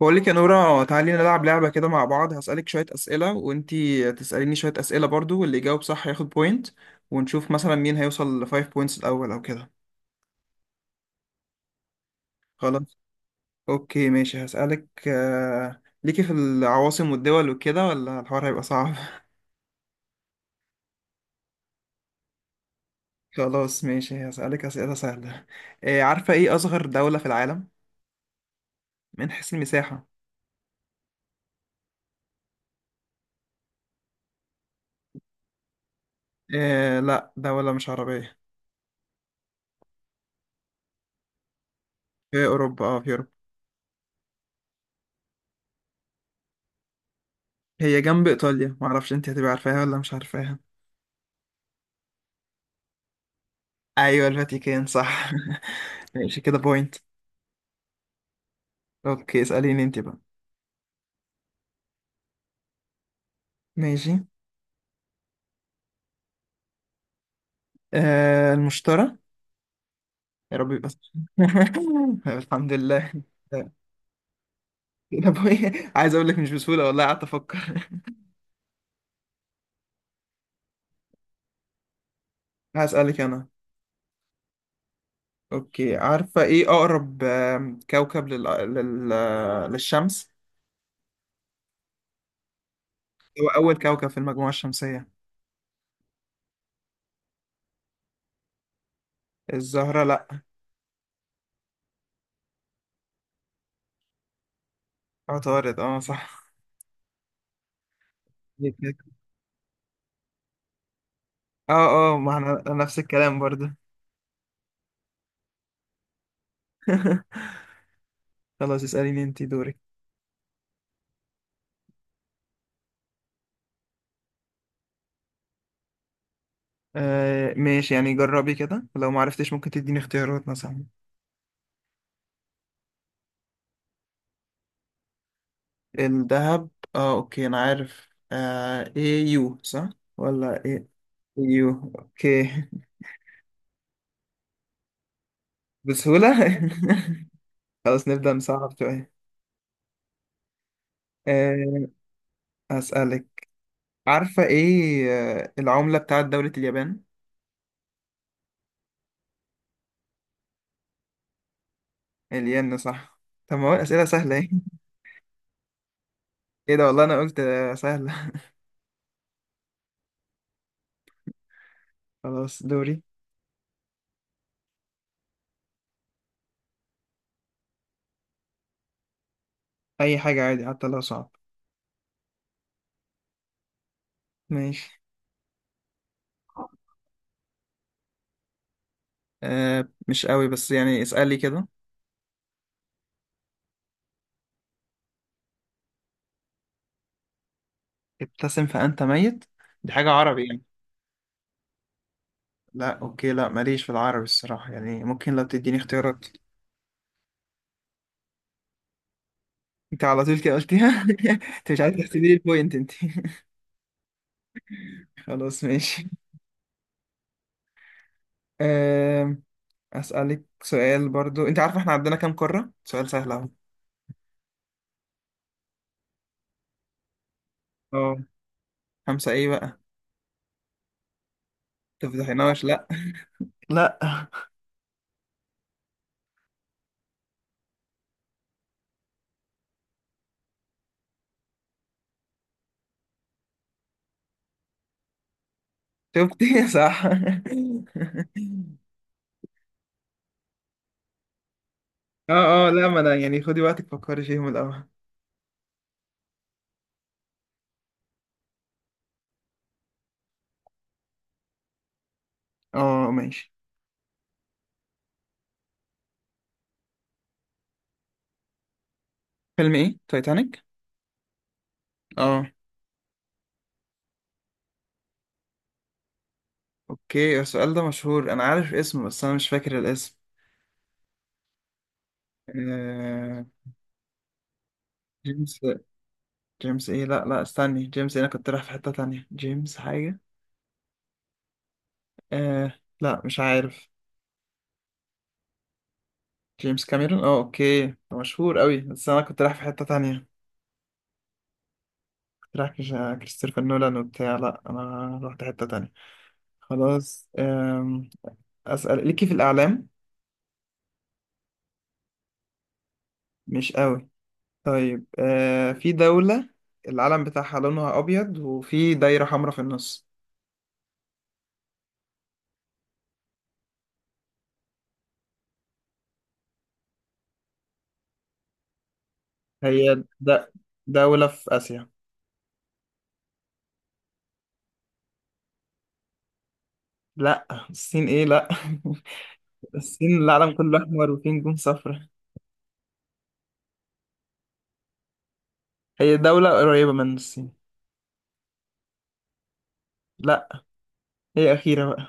بقول لك يا نورة، تعالي نلعب لعبة كده مع بعض. هسألك شوية أسئلة وانتي تسأليني شوية أسئلة برضو، واللي يجاوب صح ياخد بوينت، ونشوف مثلا مين هيوصل لفايف بوينتس الأول أو كده. خلاص أوكي ماشي، هسألك ليكي في العواصم والدول وكده ولا الحوار هيبقى صعب؟ خلاص ماشي، هسألك أسئلة سهلة. عارفة إيه أصغر دولة في العالم من حيث المساحة؟ لا، دولة مش عربية. في أوروبا، اه في أوروبا. هي جنب إيطاليا، معرفش انتي هتبقى عارفاها ولا مش عارفاها. ايوه، الفاتيكان صح. ماشي، كده بوينت. اوكي، اسأليني انت بقى. ماشي. آه، المشترى. يا رب يبقى صح. الحمد لله. كده بوينت. عايز اقول لك مش بسهولة والله، قعدت افكر. هسألك انا. اوكي، عارفة ايه اقرب كوكب لل... للشمس؟ هو اول كوكب في المجموعة الشمسية. الزهرة لا. عطارد، اه صح. اه اه، ما احنا نفس الكلام برضه. خلاص، اسأليني انت دورك. آه ماشي، يعني جربي كده، لو ما عرفتش ممكن تديني اختيارات مثلا. الذهب. اه اوكي، انا عارف. آه ايه يو صح ولا ايه؟ يو. اوكي. بسهولة. خلاص، نبدأ نصعب شوية. آه. هسألك. عارفة ايه العملة بتاعت دولة اليابان؟ الين صح. طب ما هو الأسئلة سهلة ايه. ايه ده، والله انا قلت سهلة. خلاص، دوري. اي حاجة عادي، حتى لو صعب. ماشي. آه مش قوي، بس يعني اسألي كده. ابتسم فأنت ميت. دي حاجة عربي يعني؟ لا أوكي، لا ماليش في العربي الصراحة، يعني ممكن لو تديني اختيارات. أنت على طول كده قلتيها. أنت مش عايز تحسبي لي البوينت أنت. خلاص ماشي. أم، أسألك سؤال برضو، أنت عارفة إحنا عندنا كام قارة؟ سؤال سهل أهو. أه. خمسة إيه بقى؟ تفضحيناش، لا، لا. شفتي؟ صح. اه اه لا، ما انا يعني خدي وقتك، فكري فيهم الاول. اه ماشي. فيلم ايه؟ تايتانيك. اه اوكي، السؤال ده مشهور، انا عارف اسمه بس انا مش فاكر الاسم. آه... جيمس. جيمس ايه؟ لا لا، استني، جيمس إيه؟ انا كنت رايح في حتة تانية، جيمس حاجة. آه... لا مش عارف. جيمس كاميرون، اه اوكي، ده مشهور قوي، بس انا كنت رايح في حتة تانية. كنت رايح كريستوفر نولان وبتاع، لا انا رحت حتة تانية. خلاص آم... اسأل، ليكي في الاعلام؟ مش قوي. طيب آه... في دولة العلم بتاعها لونها ابيض وفي دايرة حمراء في النص. هي د- دولة في آسيا. لا، الصين ايه، لا. الصين العالم كله أحمر وفيه نجوم صفرا. هي دولة قريبة من الصين. لا. هي أخيرة بقى،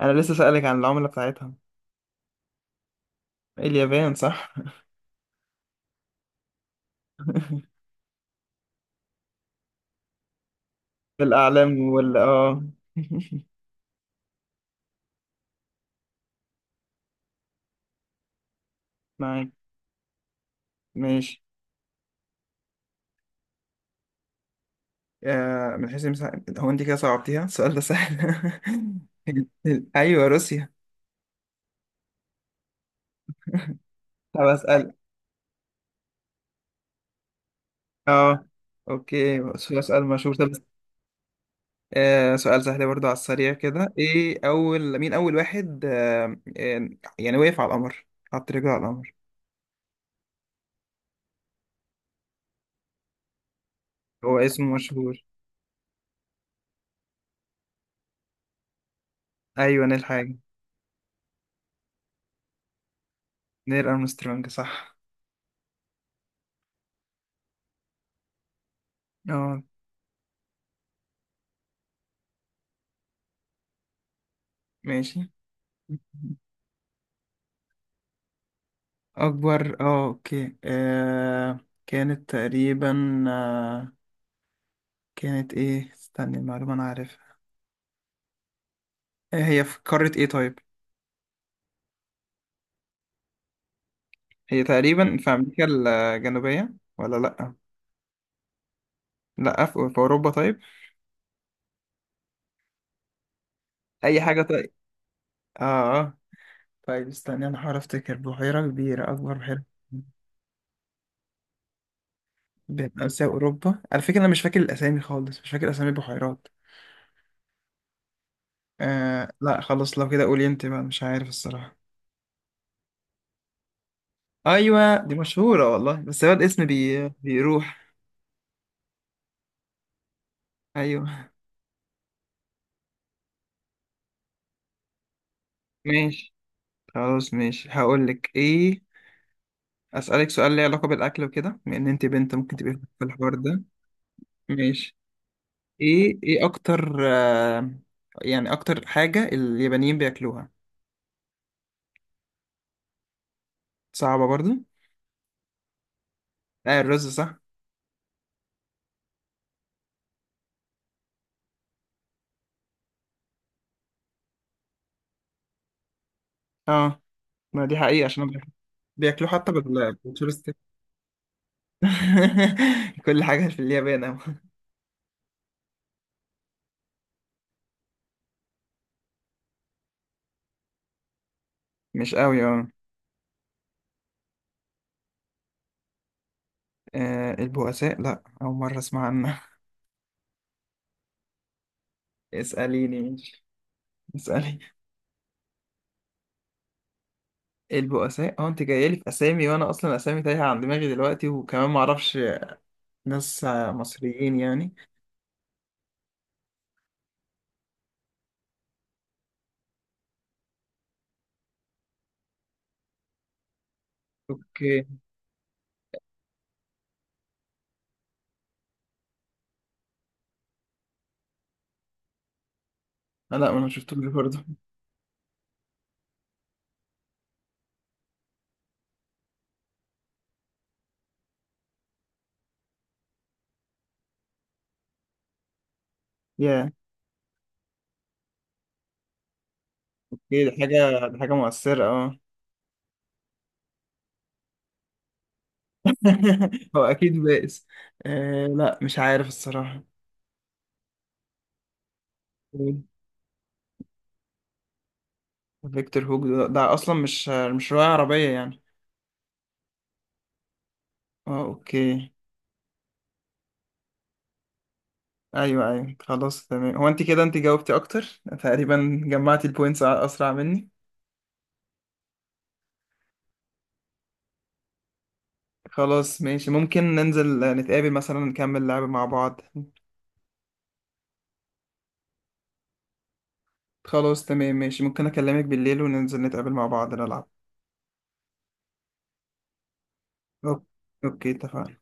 أنا لسه سألك عن العملة بتاعتها. إيه، اليابان صح. الأعلام وال اه. معاك. ماشي. آه من حيث المساحة، هو أنت كده صعبتيها؟ السؤال ده سهل. أيوة، روسيا. طب أسأل. اه اوكي، سؤال مشهور طب. آه سؤال سهل برضو، على السريع كده، ايه اول مين، اول واحد يعني وقف على القمر، حط رجله على القمر؟ هو اسمه مشهور. ايوه، نيل حاجة. نيل ارمسترونج صح. اه ماشي. اكبر، اه اوكي، آه كانت تقريبا، آه كانت ايه، استني، المعلومة انا عارفها. آه، هي في قارة ايه طيب؟ هي تقريبا في امريكا الجنوبية ولا لا؟ لا، في اوروبا طيب؟ اي حاجة طيب. اه آه. طيب استنى، انا هحاول افتكر بحيرة كبيرة، اكبر بحيرة. بين اسيا واوروبا؟ على فكرة انا مش فاكر الاسامي خالص، مش فاكر اسامي البحيرات. آه لا خلاص، لو كده قولي انت بقى، مش عارف الصراحة. ايوه، دي مشهورة والله، بس هو الاسم بيروح. ايوه. ماشي. خلاص ماشي، هقول لك ايه. اسالك سؤال ليه علاقة بالاكل وكده، بما ان انت بنت ممكن تبقى في الحوار ده. ماشي. ايه ايه اكتر، آه يعني اكتر حاجة اليابانيين بياكلوها؟ صعبة برضو. آه، الرز صح. اه، ما دي حقيقة، عشان هم بياكلوه حتى بالتورستيك. كل حاجة في اليابان أوي. مش أوي، اه. آه، البؤساء، لا أول مرة أسمع عنها. اسأليني ماشي. اسألي. البؤساء، اه أنت جاية لي في أسامي، وأنا أصلا أسامي تايهة عن دماغي دلوقتي، وكمان معرفش ناس مصريين يعني. أوكي. آه، لا أنا شفتوش برضه. يا. إيه دي، حاجة، دي حاجة مؤثرة اه. هو أكيد بائس. آه لا مش عارف الصراحة. فيكتور هوج، ده, ده اصلا مش رواية عربية يعني. اه اوكي. ايوه ايوه، خلاص تمام، هو انت كده انت جاوبتي اكتر تقريبا، جمعتي البوينتس اسرع مني. خلاص ماشي، ممكن ننزل نتقابل مثلا، نكمل لعب مع بعض. خلاص تمام ماشي، ممكن اكلمك بالليل وننزل نتقابل مع بعض نلعب. أوك- اوكي اتفقنا.